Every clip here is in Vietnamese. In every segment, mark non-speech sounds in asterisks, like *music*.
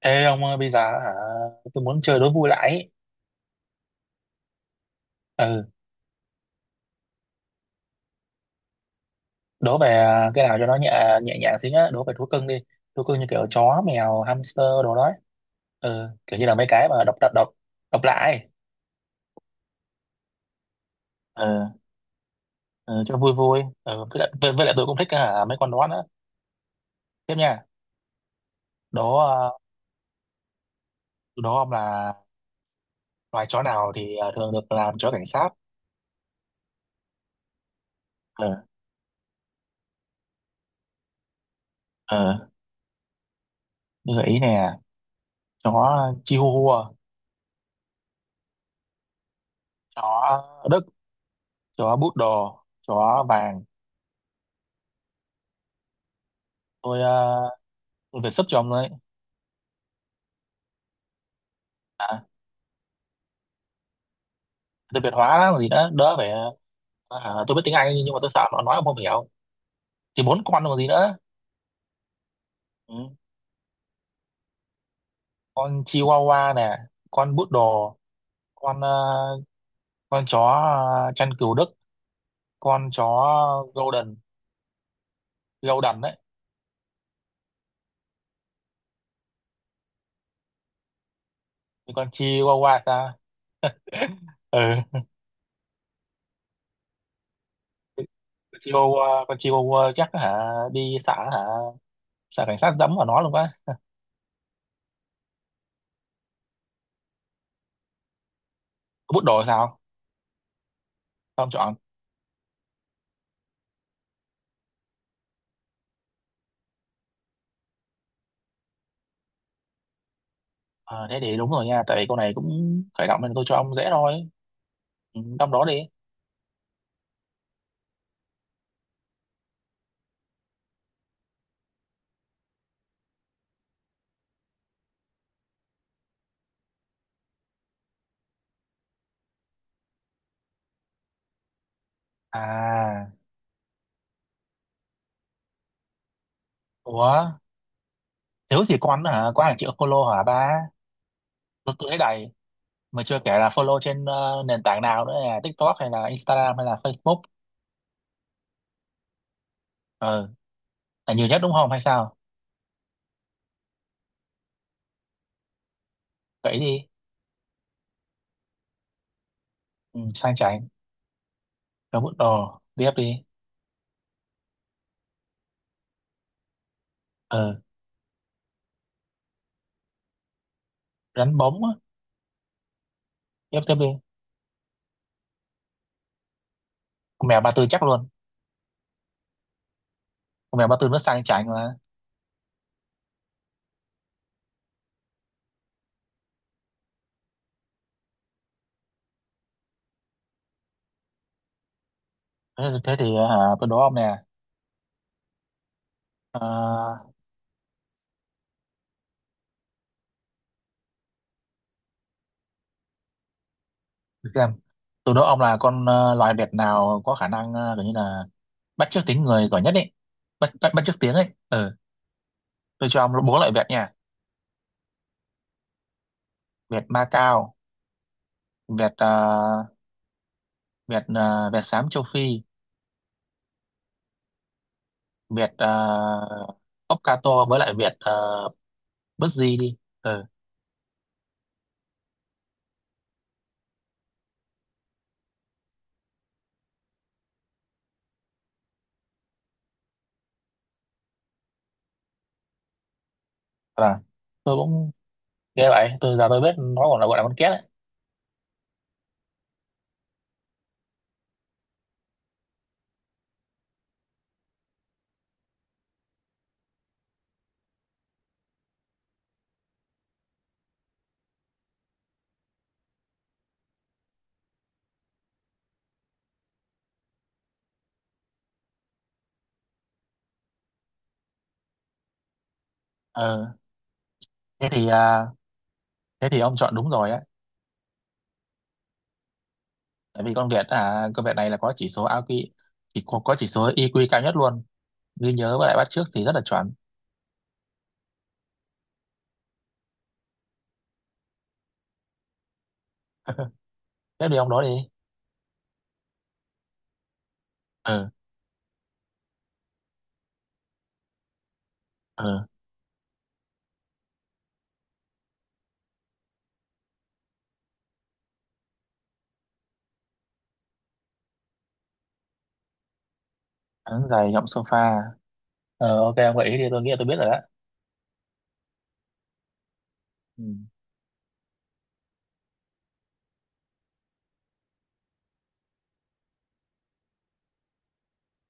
Ê ông ơi bây giờ hả? Tôi muốn chơi đố vui lại ý. Ừ, đố về à, cái nào cho nó nhẹ nhẹ nhàng xíu nhá, đố về thú cưng đi. Thú cưng như kiểu chó mèo hamster đồ đó. Ừ, kiểu như là mấy cái mà độc độc lạ ấy. Ừ, ừ cho vui vui ừ với lại, với lại tôi cũng thích hả, mấy con đó nữa. Tiếp nha. Đố đố ông là loài chó nào thì thường được làm chó cảnh sát. Ừ. Ừ, như gợi ý nè. Chó chihuahua, chó đức, chó poodle, chó vàng. tôi ờ, tôi phải sub cho ông đấy. À, tôi Việt hóa đó, còn gì nữa đỡ phải à, tôi biết tiếng Anh nhưng mà tôi sợ nó nói ông không hiểu. Thì bốn con còn gì nữa. Ừ. Con Chihuahua nè, con Poodle, con ờ, con chó chăn cừu Đức, con chó Golden. Golden đấy. Thì con Chihuahua ta. Ừ. Con Chihuahua, con Chihuahua chắc hả đi xã hả, xã cảnh sát dẫm vào nó luôn quá. Bút đồ sao? Ông chọn. Ờ, thế thì đúng rồi nha, tại vì câu này cũng khởi động nên tôi cho ông dễ thôi. Ừ, trong đó đi. À. Ủa, thiếu gì con hả? Có hàng triệu follow hả ba? Tôi thấy đầy. Mà chưa kể là follow trên nền tảng nào nữa, là TikTok hay là Instagram hay là Facebook. Ờ, là nhiều nhất đúng không hay sao? Vậy đi. Ừ, sang chảnh. Rồi bút đồ. Tiếp đi. Ờ, rắn bóng á. Tiếp tiếp đi. Con mèo ba tư chắc luôn. Con mèo ba tư nó sang chảnh mà. Thế, thế thì tôi đố ông nè. Ờ, để xem. Tôi đố ông là loài vẹt nào có khả năng kiểu như là bắt chước tiếng người giỏi nhất ấy. Bắt chước tiếng ấy. Ờ, tôi cho ông bốn loại vẹt nha. Việt Macau, Việt ờ, Việt xám châu Phi, Việt ốc ca tô với lại Việt uh, bứt di đi. Ừ. Là tôi cũng nghe vậy, tôi giờ tôi biết nó còn là gọi là con két đấy. Ừ. Thế thì ông chọn đúng rồi á. Tại vì con Việt này là có chỉ số IQ, có chỉ số IQ cao nhất luôn. Ghi nhớ với lại bắt chước thì rất là chuẩn. *laughs* Tiếp đi ông đó đi. Ừ. Ừ. Thắng giày nhộng sofa. Ờ ok ông gợi ý đi, tôi nghĩ là tôi biết rồi đó. Ừ.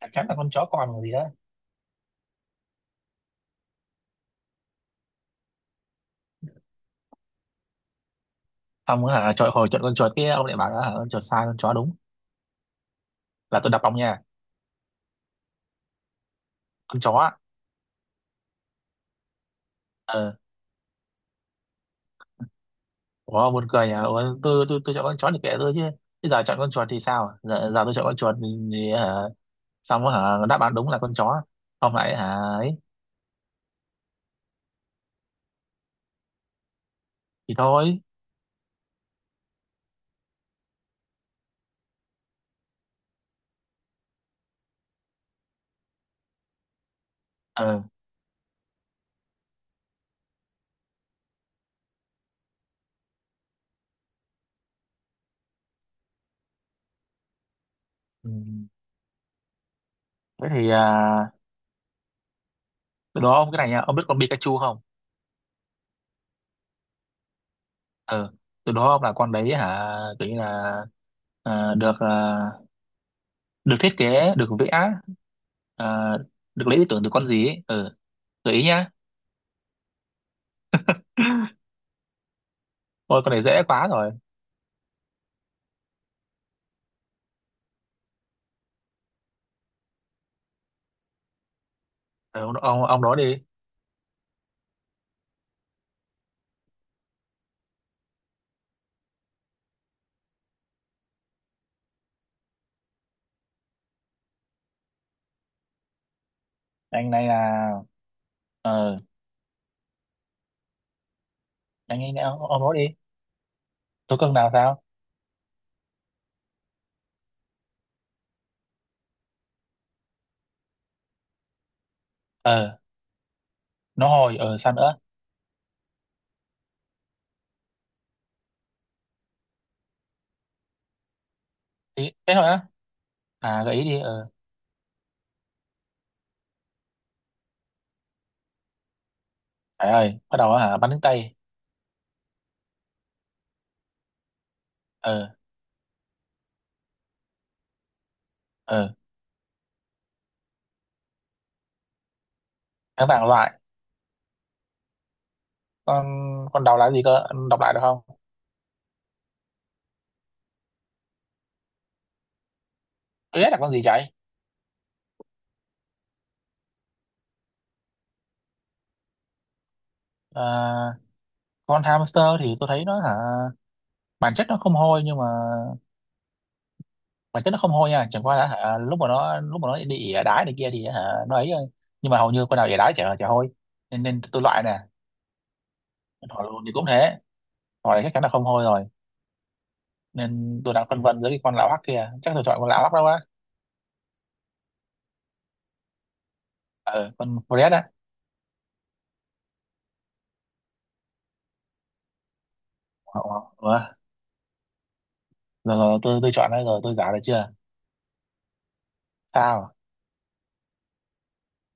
Chắc chắn là con chó con còn gì đó. Xong á hả trời, hồi chọn con chuột kia ông lại bảo là hả, con chuột sai con chó đúng là tôi đập ông nha. Con chó á. Ờ. Ủa buồn cười à, ủa, tôi chọn con chó thì kệ tôi chứ. Bây giờ chọn con chuột thì sao giờ, giờ tôi chọn con chuột thì hả, xong á hả đáp án đúng là con chó, không lại hả ấy. Thì thôi. Ờ. Ừ. Thế thì từ đó ông cái này nha, ông biết con Pikachu không? Ờ, từ đó ông là con đấy hả, kiểu như là được được thiết kế, được vẽ, à, được lấy ý tưởng từ con gì ấy. Ừ. Gợi ý nhá. Ôi con này dễ quá rồi. Ờ, ông đó đi. Anh này là. Ờ, anh ấy ông đó đi. Tố cưng nào sao. Ờ, nó hồi ờ sao nữa. Ý thế thôi á. À gợi ý đi. Ờ. Trời ơi bắt đầu hả bắn đến tay. Ờ. Ờ. Tháng bảng loại. Con. Con đầu là gì cơ, Anh đọc lại được không? Tôi biết là con gì chạy. à, con hamster thì tôi thấy nó hả, bản chất nó không hôi nhưng mà bản chất nó không hôi nha, chẳng qua là hả lúc mà nó đi ỉa đái này kia thì hả nó ấy thôi. Nhưng mà hầu như con nào ỉa đái chả chả hôi, nên, nên tôi loại nè. Hỏi luôn thì cũng thế, hỏi thì chắc chắn là không hôi rồi. Nên tôi đang phân vân giữa cái con lão hắc kia, chắc tôi chọn con lão hắc đó quá. Ờ, con Fred á. Ờ, ờ, ờ. Rồi, rồi tôi chọn đây rồi, tôi giả được chưa? Sao?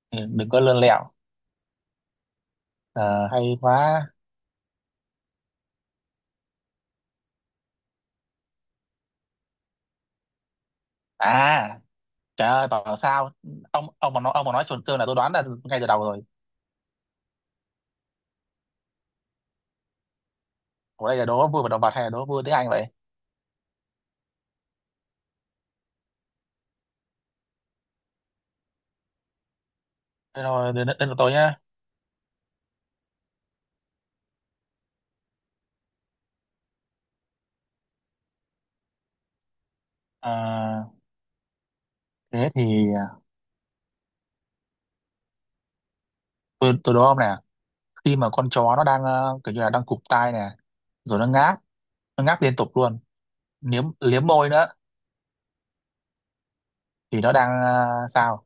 Ừ, đừng có lươn lẹo. Ờ, hay quá. À trời ơi bảo bảo sao, ông mà nói chuẩn tương là tôi đoán là ngay từ đầu rồi. Ủa đây là đố vui và động vật hay là đố vui tiếng Anh vậy? Thế rồi đến, đến lượt tôi nhá. Ờ, thế thì à, tôi đố ông nè, khi mà con chó nó đang kiểu như là đang cụp tai nè, rồi nó ngáp, nó ngáp liên tục luôn, liếm liếm môi nữa, thì nó đang sao?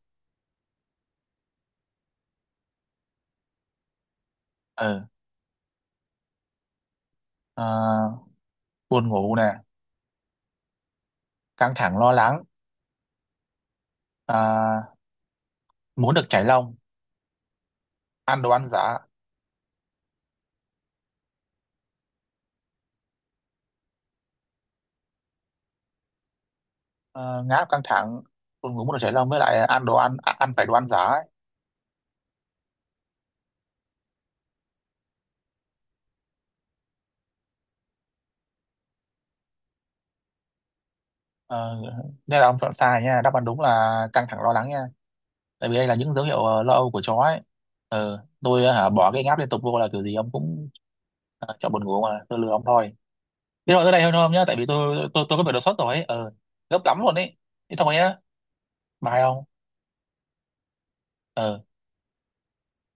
Ừ. À, buồn ngủ nè, căng thẳng lo lắng, à, muốn được chảy lông, ăn đồ ăn giả. Uh, ngáp căng thẳng, buồn ngủ, muốn được chảy lông, với lại ăn đồ ăn ăn phải đồ ăn giả ấy. Ờ, nên là ông chọn sai nha, đáp án đúng là căng thẳng lo lắng nha, tại vì đây là những dấu hiệu lo âu của chó ấy. Ờ, hả bỏ cái ngáp liên tục vô là kiểu gì ông cũng ờ, chọn buồn ngủ, mà tôi lừa ông thôi. Thế rồi tới đây thôi không nhá, tại vì tôi có bị đột xuất rồi ấy. Ờ, gấp lắm luôn ấy. Thế thôi nhá. Bye ông. Ờ,